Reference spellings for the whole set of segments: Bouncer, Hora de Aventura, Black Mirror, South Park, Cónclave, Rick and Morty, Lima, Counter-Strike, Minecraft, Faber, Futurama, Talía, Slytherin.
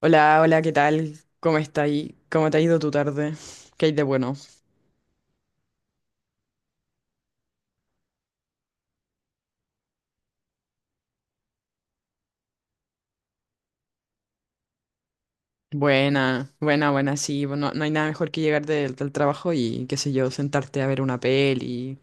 Hola, hola, ¿qué tal? ¿Cómo está ahí? ¿Cómo te ha ido tu tarde? ¿Qué hay de bueno? Buena, buena, buena, sí. No, no hay nada mejor que llegar del trabajo y, qué sé yo, sentarte a ver una peli.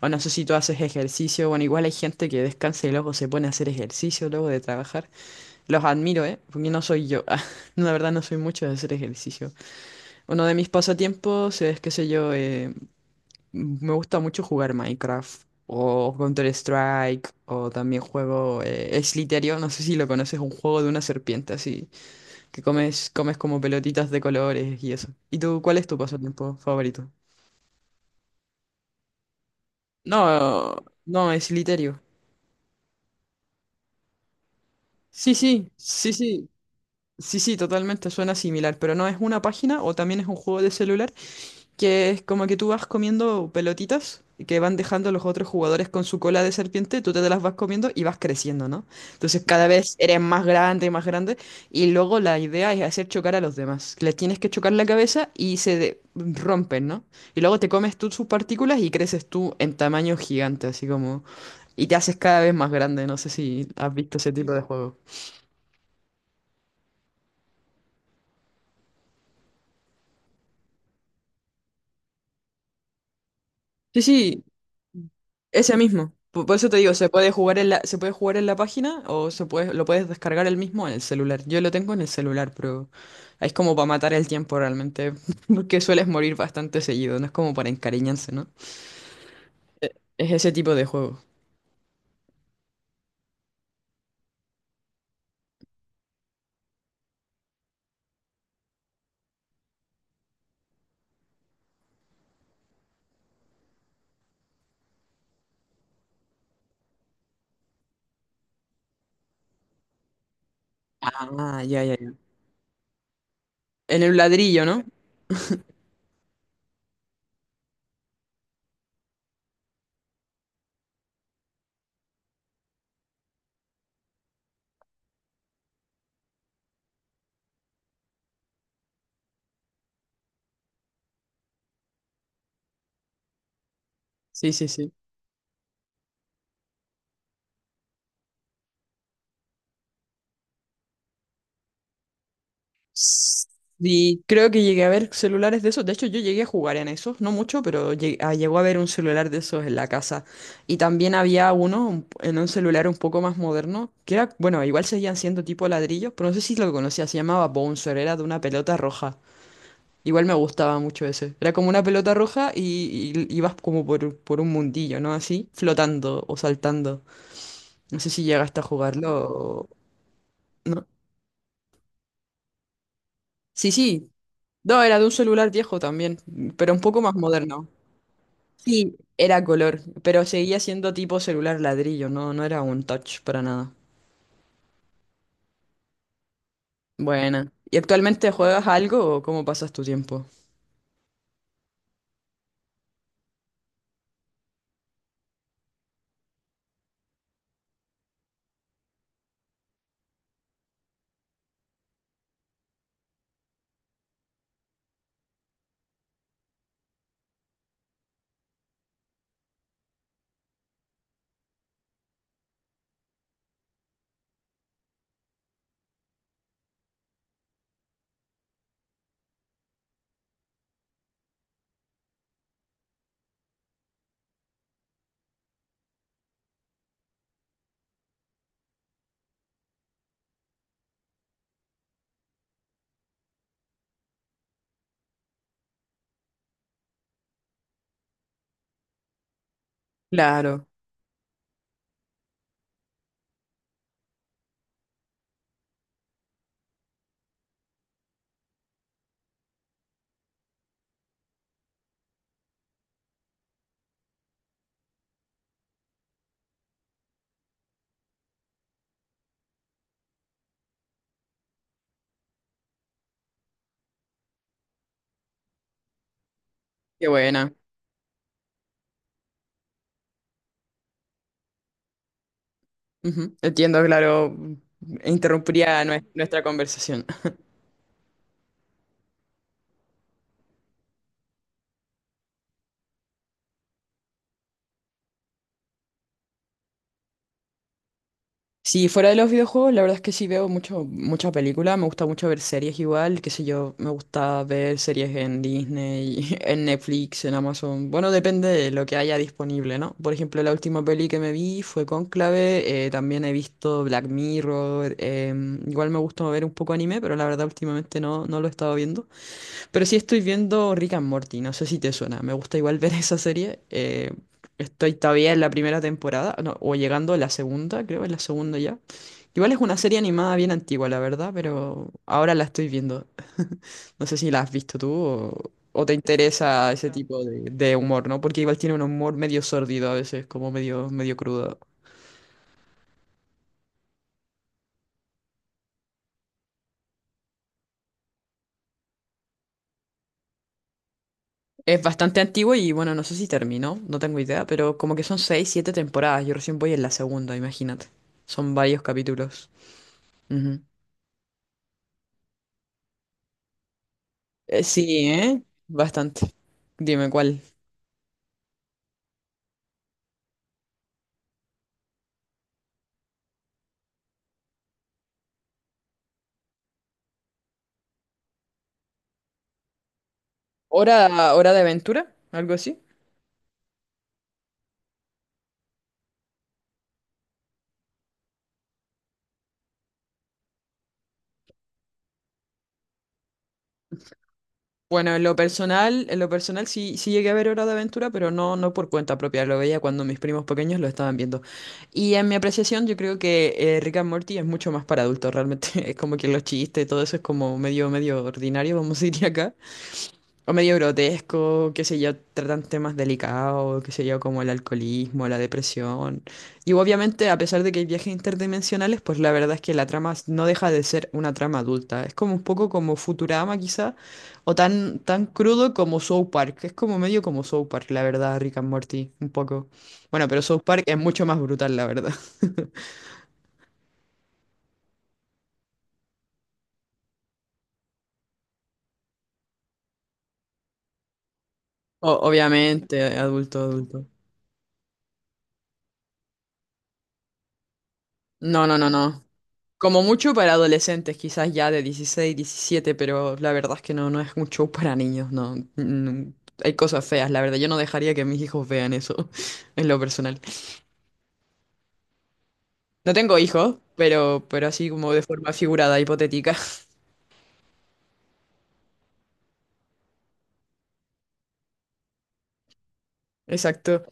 O no sé si tú haces ejercicio. Bueno, igual hay gente que descansa y luego se pone a hacer ejercicio luego de trabajar. Los admiro, ¿eh? Porque no soy yo. La verdad no soy mucho de hacer ejercicio. Uno de mis pasatiempos es, qué sé yo, me gusta mucho jugar Minecraft o Counter-Strike o también juego Slytherin, no sé si lo conoces, un juego de una serpiente así, que comes, comes como pelotitas de colores y eso. ¿Y tú cuál es tu pasatiempo favorito? No, no, es Slytherin. Sí, sí, sí, sí, sí, sí, totalmente suena similar, pero no es una página o también es un juego de celular, que es como que tú vas comiendo pelotitas y que van dejando los otros jugadores con su cola de serpiente, tú te las vas comiendo y vas creciendo, ¿no? Entonces cada vez eres más grande y más grande, y luego la idea es hacer chocar a los demás. Les tienes que chocar la cabeza y se rompen, ¿no? Y luego te comes tú sus partículas y creces tú en tamaño gigante, así como... Y te haces cada vez más grande, no sé si has visto ese tipo de juego. Sí, sí, ese mismo. Por eso te digo, se puede jugar en la, se puede jugar en la página o se puede, lo puedes descargar el mismo en el celular. Yo lo tengo en el celular, pero es como para matar el tiempo realmente, porque sueles morir bastante seguido, no es como para encariñarse, ¿no? Es ese tipo de juego. Ah, ya, ya, ya. En el ladrillo, ¿no? Sí, sí, sí. Sí, creo que llegué a ver celulares de esos. De hecho, yo llegué a jugar en esos, no mucho, pero llegó a ver un celular de esos en la casa. Y también había uno en un celular un poco más moderno, que era, bueno, igual seguían siendo tipo ladrillos, pero no sé si lo conocía, se llamaba Bouncer, era de una pelota roja. Igual me gustaba mucho ese. Era como una pelota roja y ibas como por un mundillo, ¿no? Así, flotando o saltando. No sé si llegaste a jugarlo o... ¿No? Sí, sí, no, era de un celular viejo también, pero un poco más moderno. Sí, era color, pero seguía siendo tipo celular ladrillo, no, no era un touch para nada. Buena. ¿Y actualmente juegas algo o cómo pasas tu tiempo? Claro, qué buena. Ujú, entiendo, claro, interrumpiría nuestra conversación. Sí, fuera de los videojuegos, la verdad es que sí veo mucho, mucha película, me gusta mucho ver series igual, qué sé yo, me gusta ver series en Disney, en Netflix, en Amazon, bueno, depende de lo que haya disponible, ¿no? Por ejemplo, la última peli que me vi fue Cónclave, también he visto Black Mirror, igual me gusta ver un poco anime, pero la verdad últimamente no, no lo he estado viendo. Pero sí estoy viendo Rick and Morty, no sé si te suena. Me gusta igual ver esa serie. Estoy todavía en la primera temporada, no, o llegando a la segunda, creo, en la segunda ya. Igual es una serie animada bien antigua, la verdad, pero ahora la estoy viendo. No sé si la has visto tú o te interesa ese tipo de humor, ¿no? Porque igual tiene un humor medio sórdido a veces, como medio, medio crudo. Es bastante antiguo y bueno, no sé si terminó, no tengo idea, pero como que son seis, siete temporadas. Yo recién voy en la segunda, imagínate. Son varios capítulos. Ujú. Sí, ¿eh? Bastante. Dime cuál. ¿Hora, hora de aventura? ¿Algo así? Bueno, en lo personal sí, sí llegué a ver Hora de Aventura, pero no, no por cuenta propia, lo veía cuando mis primos pequeños lo estaban viendo. Y en mi apreciación, yo creo que Rick and Morty es mucho más para adultos, realmente. Es como que los chistes y todo eso es como medio, medio ordinario, vamos a decir acá. O medio grotesco, qué sé yo, tratan temas delicados, qué sé yo, como el alcoholismo, la depresión. Y obviamente, a pesar de que hay viajes interdimensionales, pues la verdad es que la trama no deja de ser una trama adulta. Es como un poco como Futurama quizá, o tan, tan crudo como South Park. Es como medio como South Park, la verdad, Rick and Morty, un poco. Bueno, pero South Park es mucho más brutal, la verdad. Obviamente, adulto, adulto. No, no, no, no. Como mucho para adolescentes, quizás ya de dieciséis, diecisiete, pero la verdad es que no, no es un show para niños, no. Mm, hay cosas feas, la verdad. Yo no dejaría que mis hijos vean eso, en lo personal. No tengo hijos, pero así como de forma figurada, hipotética. Exacto,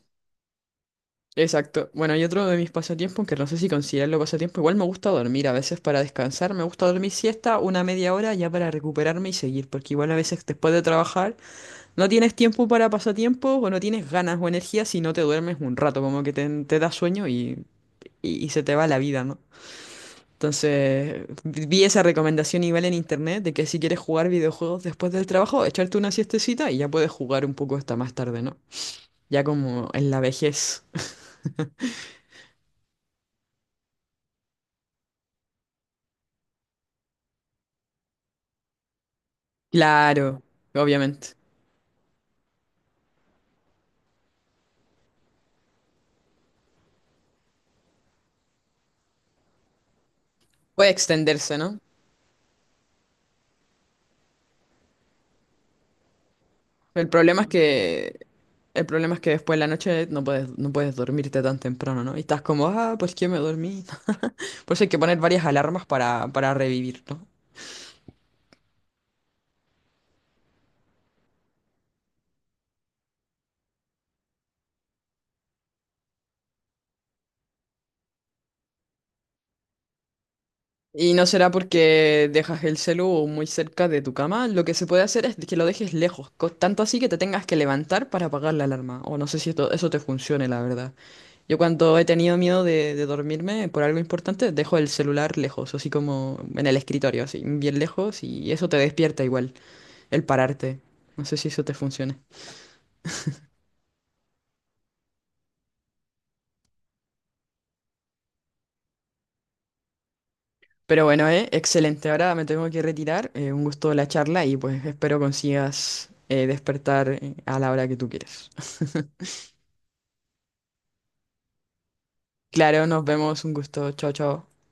exacto. Bueno, y otro de mis pasatiempos, que no sé si considerarlo pasatiempo, igual me gusta dormir a veces para descansar, me gusta dormir siesta una media hora ya para recuperarme y seguir, porque igual a veces después de trabajar... No tienes tiempo para pasatiempos o no tienes ganas o energía si no te duermes un rato, como que te da sueño y se te va la vida, ¿no? Entonces, vi esa recomendación igual en internet de que si quieres jugar videojuegos después del trabajo, echarte una siestecita y ya puedes jugar un poco hasta más tarde, ¿no? Ya como en la vejez. Claro, obviamente. Puede extenderse, ¿no? El problema es que el problema es que después de la noche no puedes, no puedes dormirte tan temprano, ¿no? Y estás como, "Ah, pues que me dormí." Por eso hay que poner varias alarmas para revivir, ¿no? Y no será porque dejas el celu muy cerca de tu cama. Lo que se puede hacer es que lo dejes lejos, tanto así que te tengas que levantar para apagar la alarma. O no sé si eso te funcione, la verdad. Yo cuando he tenido miedo de dormirme por algo importante, dejo el celular lejos, así como en el escritorio, así, bien lejos, y eso te despierta igual, el pararte. No sé si eso te funciona. Pero bueno, excelente. Ahora me tengo que retirar. Un gusto la charla y pues espero consigas despertar a la hora que tú quieres. Claro, nos vemos. Un gusto. Chao, chao.